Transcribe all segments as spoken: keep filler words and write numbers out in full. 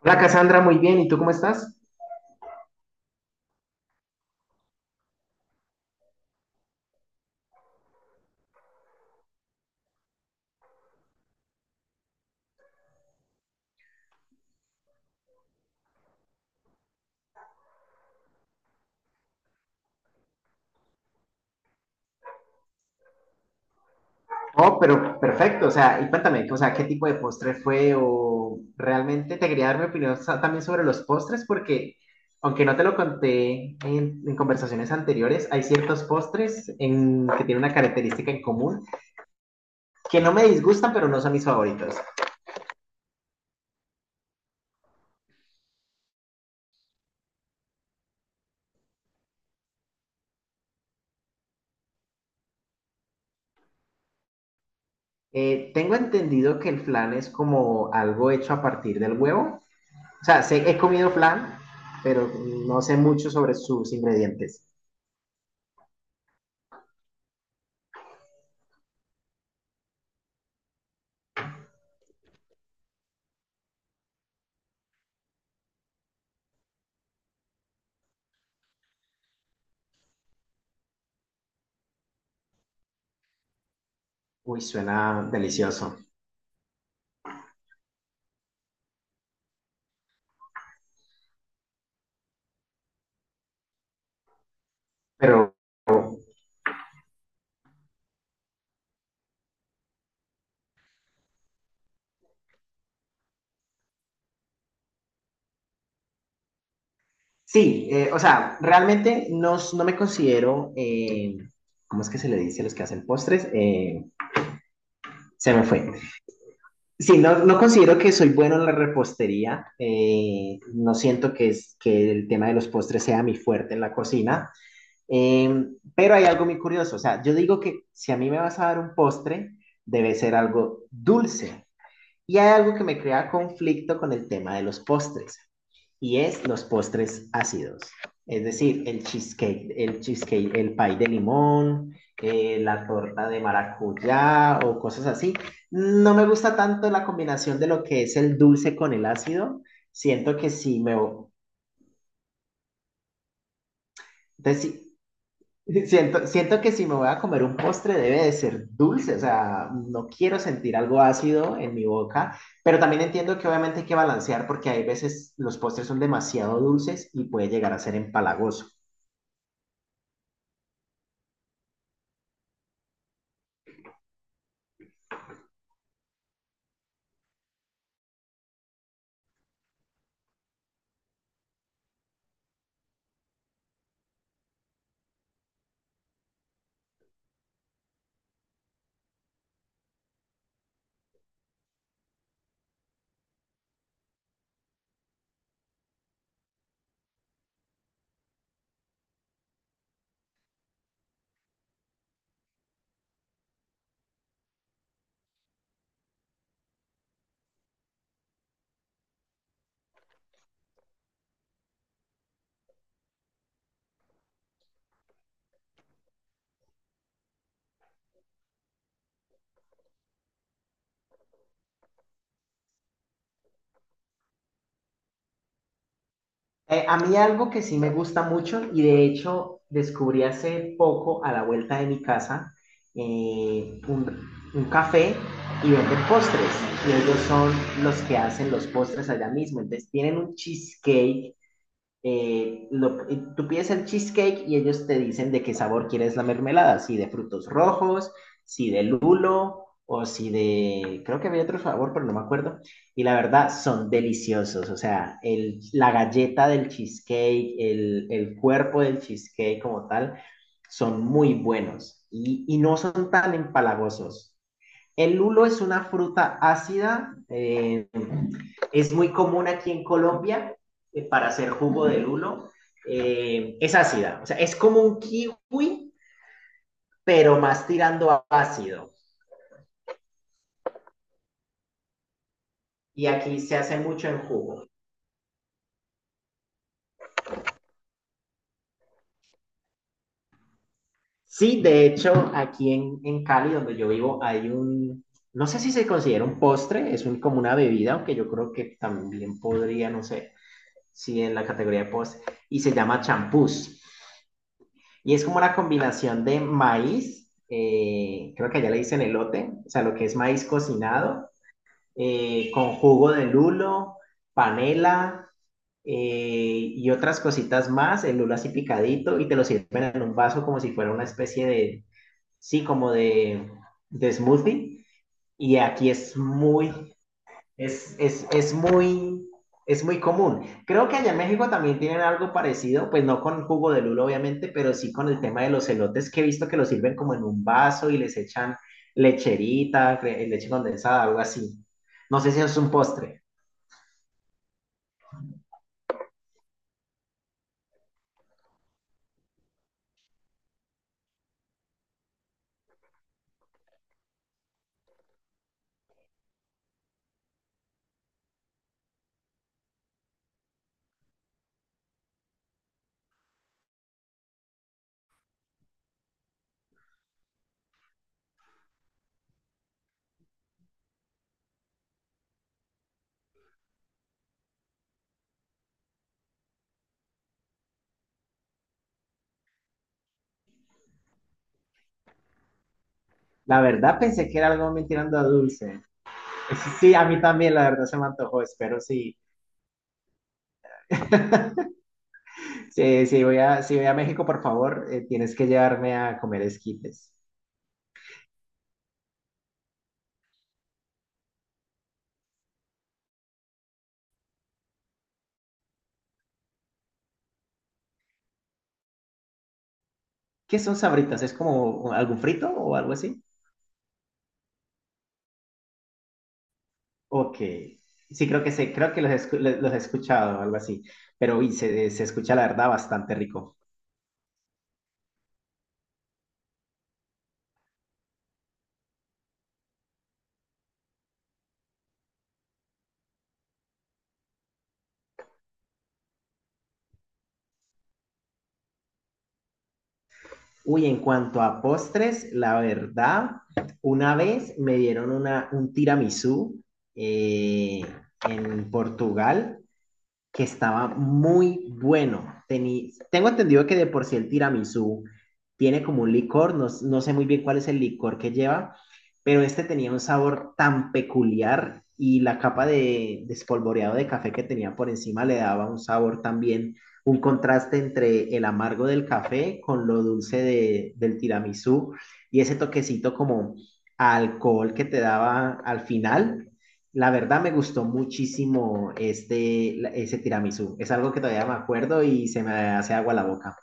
Hola Cassandra, muy bien. ¿Y tú cómo estás? Oh, pero perfecto. O sea, y cuéntame, o sea, ¿qué tipo de postre fue? O realmente te quería dar mi opinión sa- también sobre los postres, porque aunque no te lo conté en, en conversaciones anteriores, hay ciertos postres en- que tienen una característica en común que no me disgustan, pero no son mis favoritos. Eh, tengo entendido que el flan es como algo hecho a partir del huevo. O sea, sé, he comido flan, pero no sé mucho sobre sus ingredientes. Uy, suena delicioso. Pero sí, eh, o sea, realmente no, no me considero, eh, ¿cómo es que se le dice a los que hacen postres? Eh, se me fue. Sí, no, no considero que soy bueno en la repostería. Eh, no siento que, es, que el tema de los postres sea mi fuerte en la cocina. eh, pero hay algo muy curioso. O sea, yo digo que si a mí me vas a dar un postre, debe ser algo dulce. Y hay algo que me crea conflicto con el tema de los postres, y es los postres ácidos. Es decir, el cheesecake, el cheesecake, el pie de limón, eh, la torta de maracuyá o cosas así. No me gusta tanto la combinación de lo que es el dulce con el ácido. Siento que si me, entonces, si, siento, siento que si me voy a comer un postre debe de ser dulce. O sea, no quiero sentir algo ácido en mi boca, pero también entiendo que obviamente hay que balancear porque hay veces los postres son demasiado dulces y puede llegar a ser empalagoso. Eh, a mí algo que sí me gusta mucho, y de hecho descubrí hace poco a la vuelta de mi casa eh, un, un café y venden postres, y ellos son los que hacen los postres allá mismo. Entonces tienen un cheesecake. Eh, lo- eh, tú pides el cheesecake y ellos te dicen de qué sabor quieres la mermelada, si de frutos rojos, si de lulo o si de, creo que había otro sabor, pero no me acuerdo. Y la verdad, son deliciosos. O sea, el, la galleta del cheesecake, el, el cuerpo del cheesecake como tal, son muy buenos y, y no son tan empalagosos. El lulo es una fruta ácida. Eh, es muy común aquí en Colombia eh, para hacer jugo de lulo. Eh, es ácida, o sea, es como un kiwi, pero más tirando a ácido. Y aquí se hace mucho en jugo. Sí, de hecho, aquí en, en Cali, donde yo vivo, hay un, no sé si se considera un postre, es un, como una bebida, aunque yo creo que también podría, no sé, si en la categoría de postre, y se llama champús. Y es como una combinación de maíz, eh, creo que allá le dicen elote, o sea, lo que es maíz cocinado, eh, con jugo de lulo, panela eh, y otras cositas más, el lulo así picadito, y te lo sirven en un vaso como si fuera una especie de, sí, como de, de smoothie. Y aquí es muy es, es, es muy, es muy común. Creo que allá en México también tienen algo parecido, pues no con jugo de lulo, obviamente, pero sí con el tema de los elotes, que he visto que los sirven como en un vaso y les echan lecherita, le- leche condensada, algo así. No sé si es un postre. La verdad pensé que era algo me tirando a dulce. Sí, a mí también, la verdad se me antojó, espero sí. Sí, sí, voy a, si voy a México, por favor, eh, tienes que llevarme a comer esquites. ¿Qué son sabritas? ¿Es como algún frito o algo así? Ok. Sí, creo que sé, creo que los, escu- lo- los he escuchado, algo así. Pero uy, se, se escucha la verdad bastante rico. Uy, en cuanto a postres, la verdad, una vez me dieron una, un tiramisú eh, en Portugal que estaba muy bueno. Tení, tengo entendido que de por sí el tiramisú tiene como un licor, no, no sé muy bien cuál es el licor que lleva, pero este tenía un sabor tan peculiar, y la capa de espolvoreado de café que tenía por encima le daba un sabor también, un contraste entre el amargo del café con lo dulce de, del tiramisú y ese toquecito como a alcohol que te daba al final. La verdad me gustó muchísimo este, la- ese tiramisú. Es algo que todavía me acuerdo y se me hace agua la boca.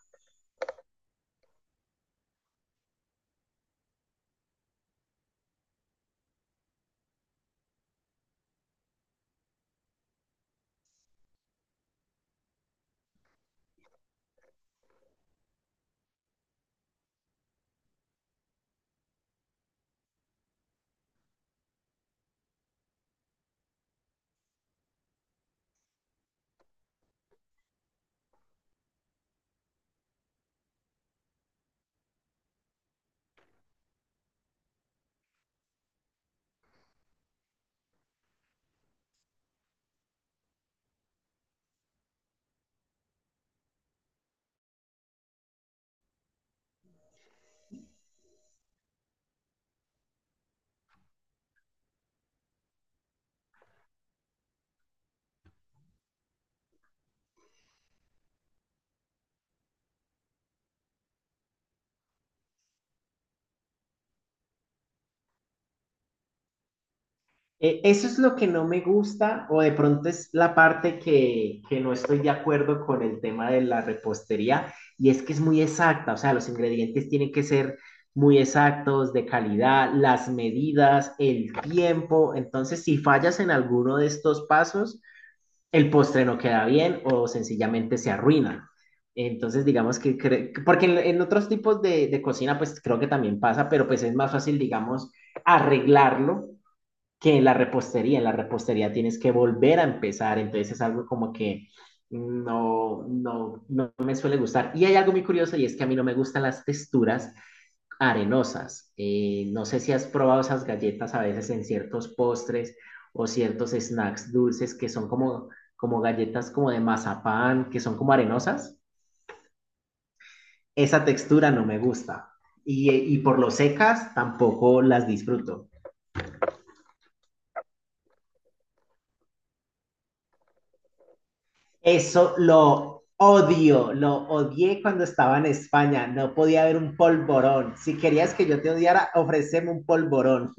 Eh, eso es lo que no me gusta, o de pronto es la parte que, que no estoy de acuerdo con el tema de la repostería, y es que es muy exacta. O sea, los ingredientes tienen que ser muy exactos, de calidad, las medidas, el tiempo. Entonces, si fallas en alguno de estos pasos, el postre no queda bien o sencillamente se arruina. Entonces, digamos que, cre- porque en, en otros tipos de, de cocina, pues creo que también pasa, pero pues es más fácil, digamos, arreglarlo que en la repostería. En la repostería tienes que volver a empezar, entonces es algo como que no, no, no me suele gustar. Y hay algo muy curioso, y es que a mí no me gustan las texturas arenosas. Eh, no sé si has probado esas galletas a veces en ciertos postres o ciertos snacks dulces que son como, como galletas como de mazapán, que son como arenosas. Esa textura no me gusta. Y, y por lo secas tampoco las disfruto. Eso lo odio, lo odié cuando estaba en España. No podía haber un polvorón. Si querías que yo te odiara, ofreceme un polvorón.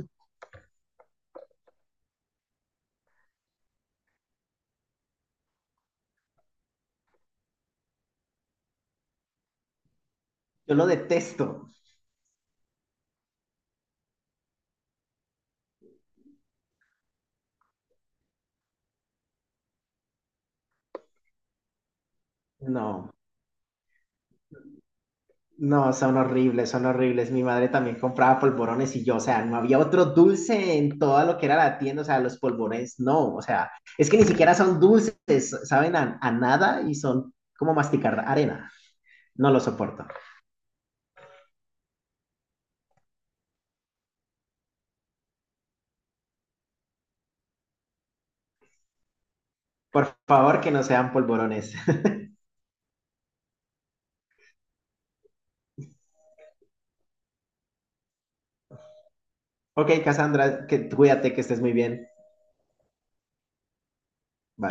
Yo lo detesto. No, no, son horribles, son horribles. Mi madre también compraba polvorones y yo, o sea, no había otro dulce en toda lo que era la tienda. O sea, los polvorones, no, o sea, es que ni siquiera son dulces, saben a, a nada y son como masticar arena. No lo soporto. Por favor, que no sean polvorones. Ok, Cassandra, que, cuídate, que estés muy bien. Bye.